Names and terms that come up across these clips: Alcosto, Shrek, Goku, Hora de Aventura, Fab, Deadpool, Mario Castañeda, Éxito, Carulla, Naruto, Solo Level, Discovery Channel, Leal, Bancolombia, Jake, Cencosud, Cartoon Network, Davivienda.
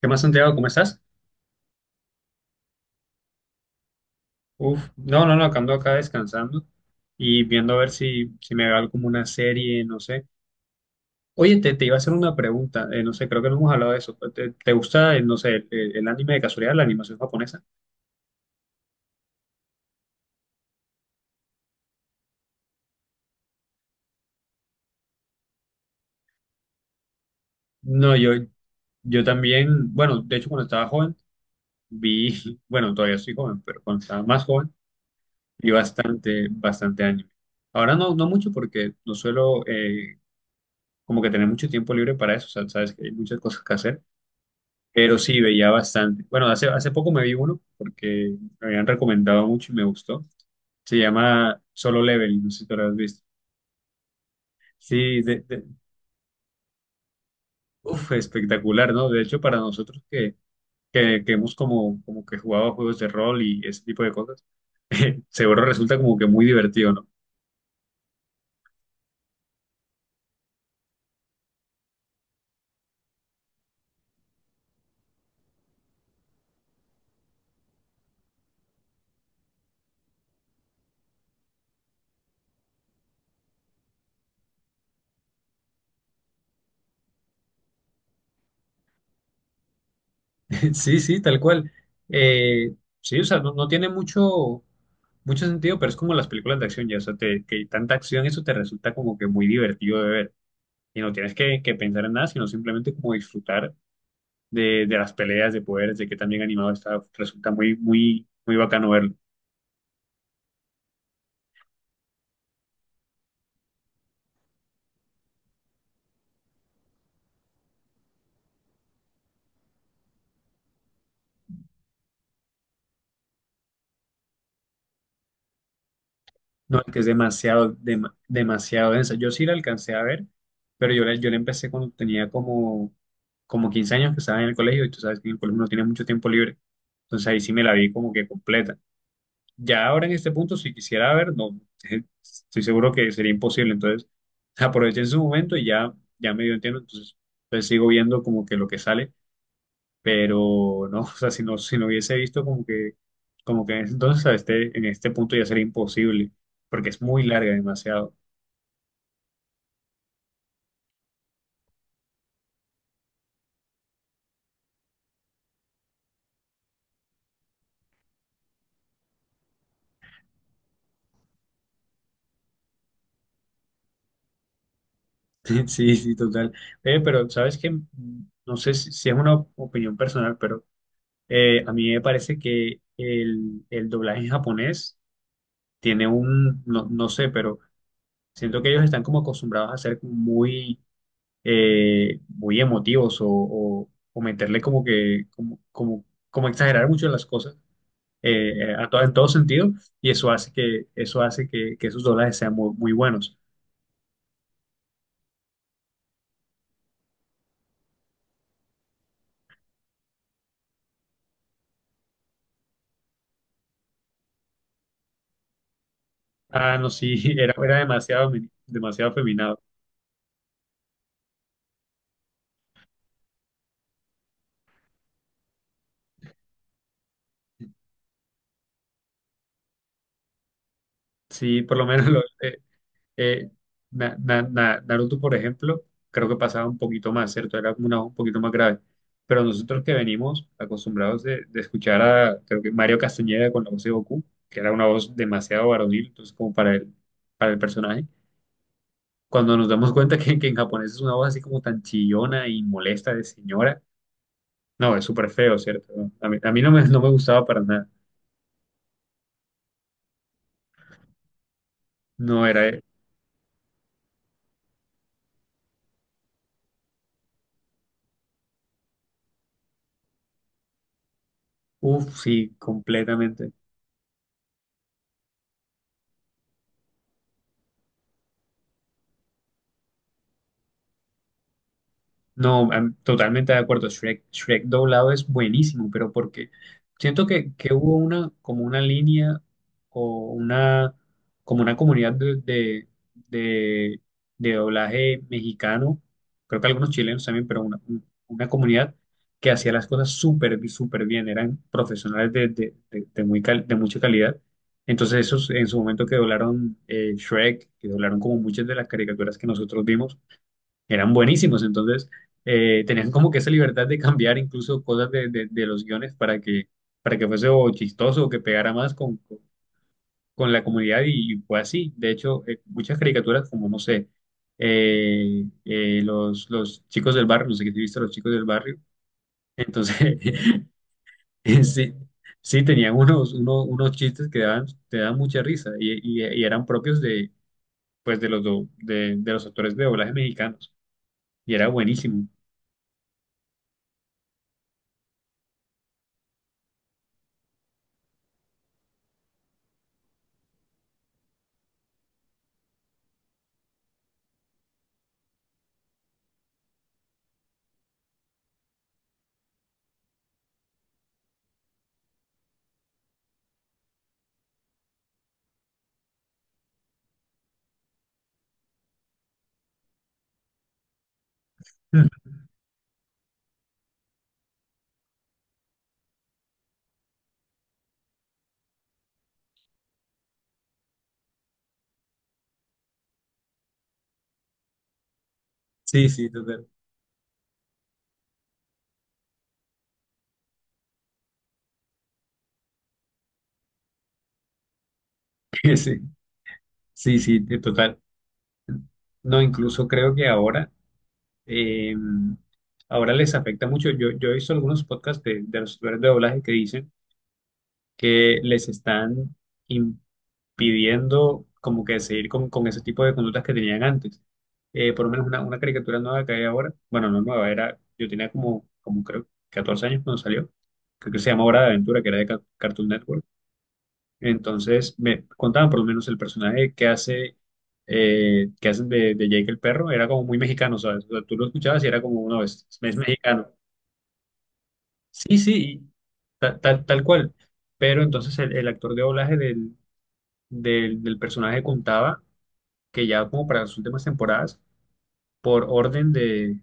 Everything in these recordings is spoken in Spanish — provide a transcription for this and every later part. ¿Qué más, Santiago? ¿Cómo estás? Uf, no, no, no, acá ando acá descansando y viendo a ver si me veo como una serie, no sé. Oye, te iba a hacer una pregunta, no sé, creo que no hemos hablado de eso. ¿Te gusta, no sé, el anime de casualidad, la animación japonesa? No, yo también, bueno, de hecho cuando estaba joven, vi, bueno, todavía soy joven, pero cuando estaba más joven, vi bastante anime. Ahora no, no mucho porque no suelo como que tener mucho tiempo libre para eso, o sea, sabes que hay muchas cosas que hacer. Pero sí, veía bastante. Bueno, hace poco me vi uno porque me habían recomendado mucho y me gustó. Se llama Solo Level, no sé si tú lo has visto. Sí, uf, espectacular, ¿no? De hecho, para nosotros que hemos como que jugado juegos de rol y ese tipo de cosas, seguro resulta como que muy divertido, ¿no? Sí, sí, tal cual. Eh, sí, o sea, no, no tiene mucho sentido, pero es como las películas de acción, ya, o sea, que tanta acción, eso te resulta como que muy divertido de ver. Y no tienes que pensar en nada, sino simplemente como disfrutar de las peleas de poderes, de que también animado está, resulta muy bacano verlo. No, es que es demasiado, demasiado densa. Yo sí la alcancé a ver, pero yo la empecé cuando tenía como, como 15 años que estaba en el colegio, y tú sabes que en el colegio uno tiene mucho tiempo libre. Entonces ahí sí me la vi como que completa. Ya ahora en este punto, si quisiera ver, no, estoy seguro que sería imposible. Entonces, aproveché en su momento y ya, ya medio entiendo. Entonces, entonces sigo viendo como que lo que sale, pero no, o sea, si no, si no hubiese visto como que entonces a este, en este punto ya sería imposible, porque es muy larga demasiado. Sí, sí, total. Pero sabes que, no sé si es una opinión personal, pero a mí me parece que el doblaje en japonés tiene un, no, no sé, pero siento que ellos están como acostumbrados a ser muy emotivos o meterle como que, como exagerar mucho las cosas, en todo sentido, y eso hace eso hace que esos dólares sean muy buenos. Ah, no, sí, era, era demasiado, demasiado afeminado. Sí, por lo menos eh, Naruto, por ejemplo, creo que pasaba un poquito más, ¿cierto? Era como una, voz un poquito más grave. Pero nosotros que venimos acostumbrados de escuchar a, creo que Mario Castañeda con la voz de Goku, que era una voz demasiado varonil, entonces como para para el personaje. Cuando nos damos cuenta que en japonés es una voz así como tan chillona y molesta de señora, no, es súper feo, ¿cierto? No, a mí, no me, no me gustaba para nada. No era, uff, sí, completamente. No, totalmente de acuerdo. Shrek, Shrek doblado es buenísimo, pero porque siento que hubo una, como una línea o una, como una comunidad de, de doblaje mexicano, creo que algunos chilenos también, pero una, una comunidad que hacía las cosas súper bien. Eran profesionales de muy de mucha calidad. Entonces, esos en su momento que doblaron Shrek, que doblaron como muchas de las caricaturas que nosotros vimos eran buenísimos. Entonces, tenían como que esa libertad de cambiar incluso cosas de los guiones para que fuese o chistoso o que pegara más con la comunidad y fue así. De hecho, muchas caricaturas como, no sé, los chicos del barrio, no sé qué si viste, los chicos del barrio. Entonces, sí. Sí, tenían unos chistes que daban, te dan mucha risa y, y eran propios de, pues, de los actores de doblaje mexicanos y era buenísimo. Sí, sí, total. Sí, sí, sí, de total. No, incluso creo que ahora, eh, ahora les afecta mucho. Yo he visto algunos podcasts de los usuarios de doblaje que dicen que les están impidiendo como que seguir con ese tipo de conductas que tenían antes. Por lo menos una caricatura nueva que hay ahora, bueno, no nueva, era, yo tenía como, como creo, 14 años cuando salió. Creo que se llama Hora de Aventura, que era de Cartoon Network. Entonces me contaban por lo menos el personaje que hace, que hacen de Jake el perro, era como muy mexicano, ¿sabes? O sea, tú lo escuchabas y era como uno es mexicano. Sí, sí, y tal cual. Pero entonces el actor de doblaje del personaje contaba que ya como para las últimas temporadas, por orden de,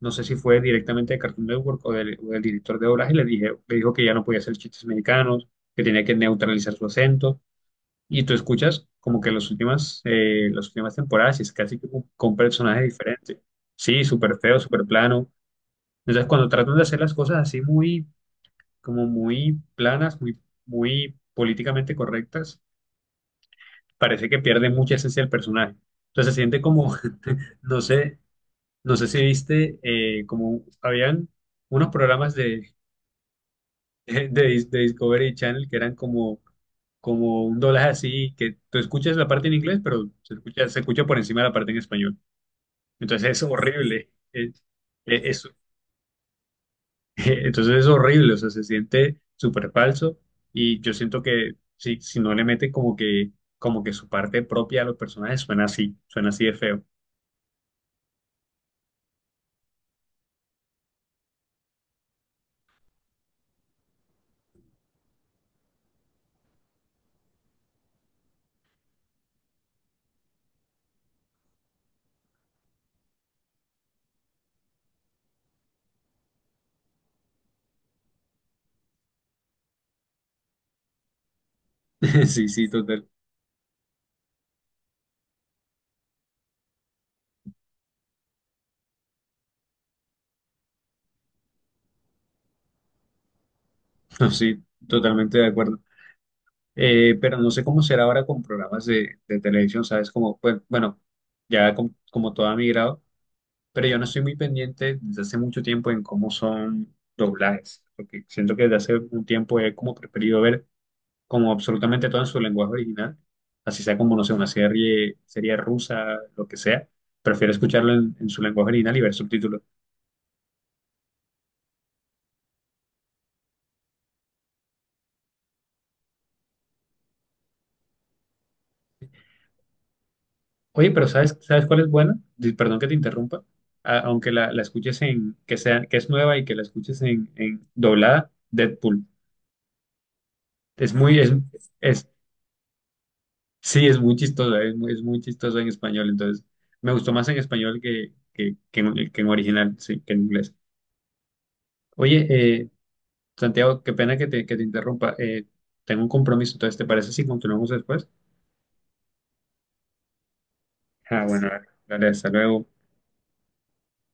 no sé si fue directamente de Cartoon Network o del director de doblaje, le dijo que ya no podía hacer chistes mexicanos, que tenía que neutralizar su acento. Y tú escuchas como que las últimas temporadas y es casi que con personajes diferentes. Sí, súper feo, súper plano. Entonces, cuando tratan de hacer las cosas así muy, como muy planas, muy, muy políticamente correctas, parece que pierde mucha esencia el personaje. Entonces, se siente como, no sé, no sé si viste, como habían unos programas de Discovery Channel que eran como, como un doblaje así, que tú escuchas la parte en inglés, pero se escucha por encima de la parte en español. Entonces es horrible. Es- es- entonces es horrible, o sea, se siente súper falso y yo siento que si, si no le meten como que su parte propia a los personajes, suena así de feo. Sí, sí, total. No, sí, totalmente de acuerdo. Pero no sé cómo será ahora con programas de televisión, ¿sabes? Como, pues, bueno, ya como, todo ha migrado, pero yo no estoy muy pendiente desde hace mucho tiempo en cómo son doblajes, porque siento que desde hace un tiempo he como preferido ver como absolutamente todo en su lenguaje original, así sea como, no sé, una serie, serie rusa, lo que sea, prefiero escucharlo en su lenguaje original y ver subtítulos. Oye, pero ¿sabes, sabes cuál es buena? Perdón que te interrumpa. Aunque la escuches en, que sea, que es nueva y que la escuches en doblada, Deadpool. Es muy, es, sí, es muy chistoso, es muy chistoso en español. Entonces, me gustó más en español que en original, sí, que en inglés. Oye, Santiago, qué pena que te interrumpa. Tengo un compromiso, entonces, ¿te parece si continuamos después? Ah, bueno, dale, hasta luego.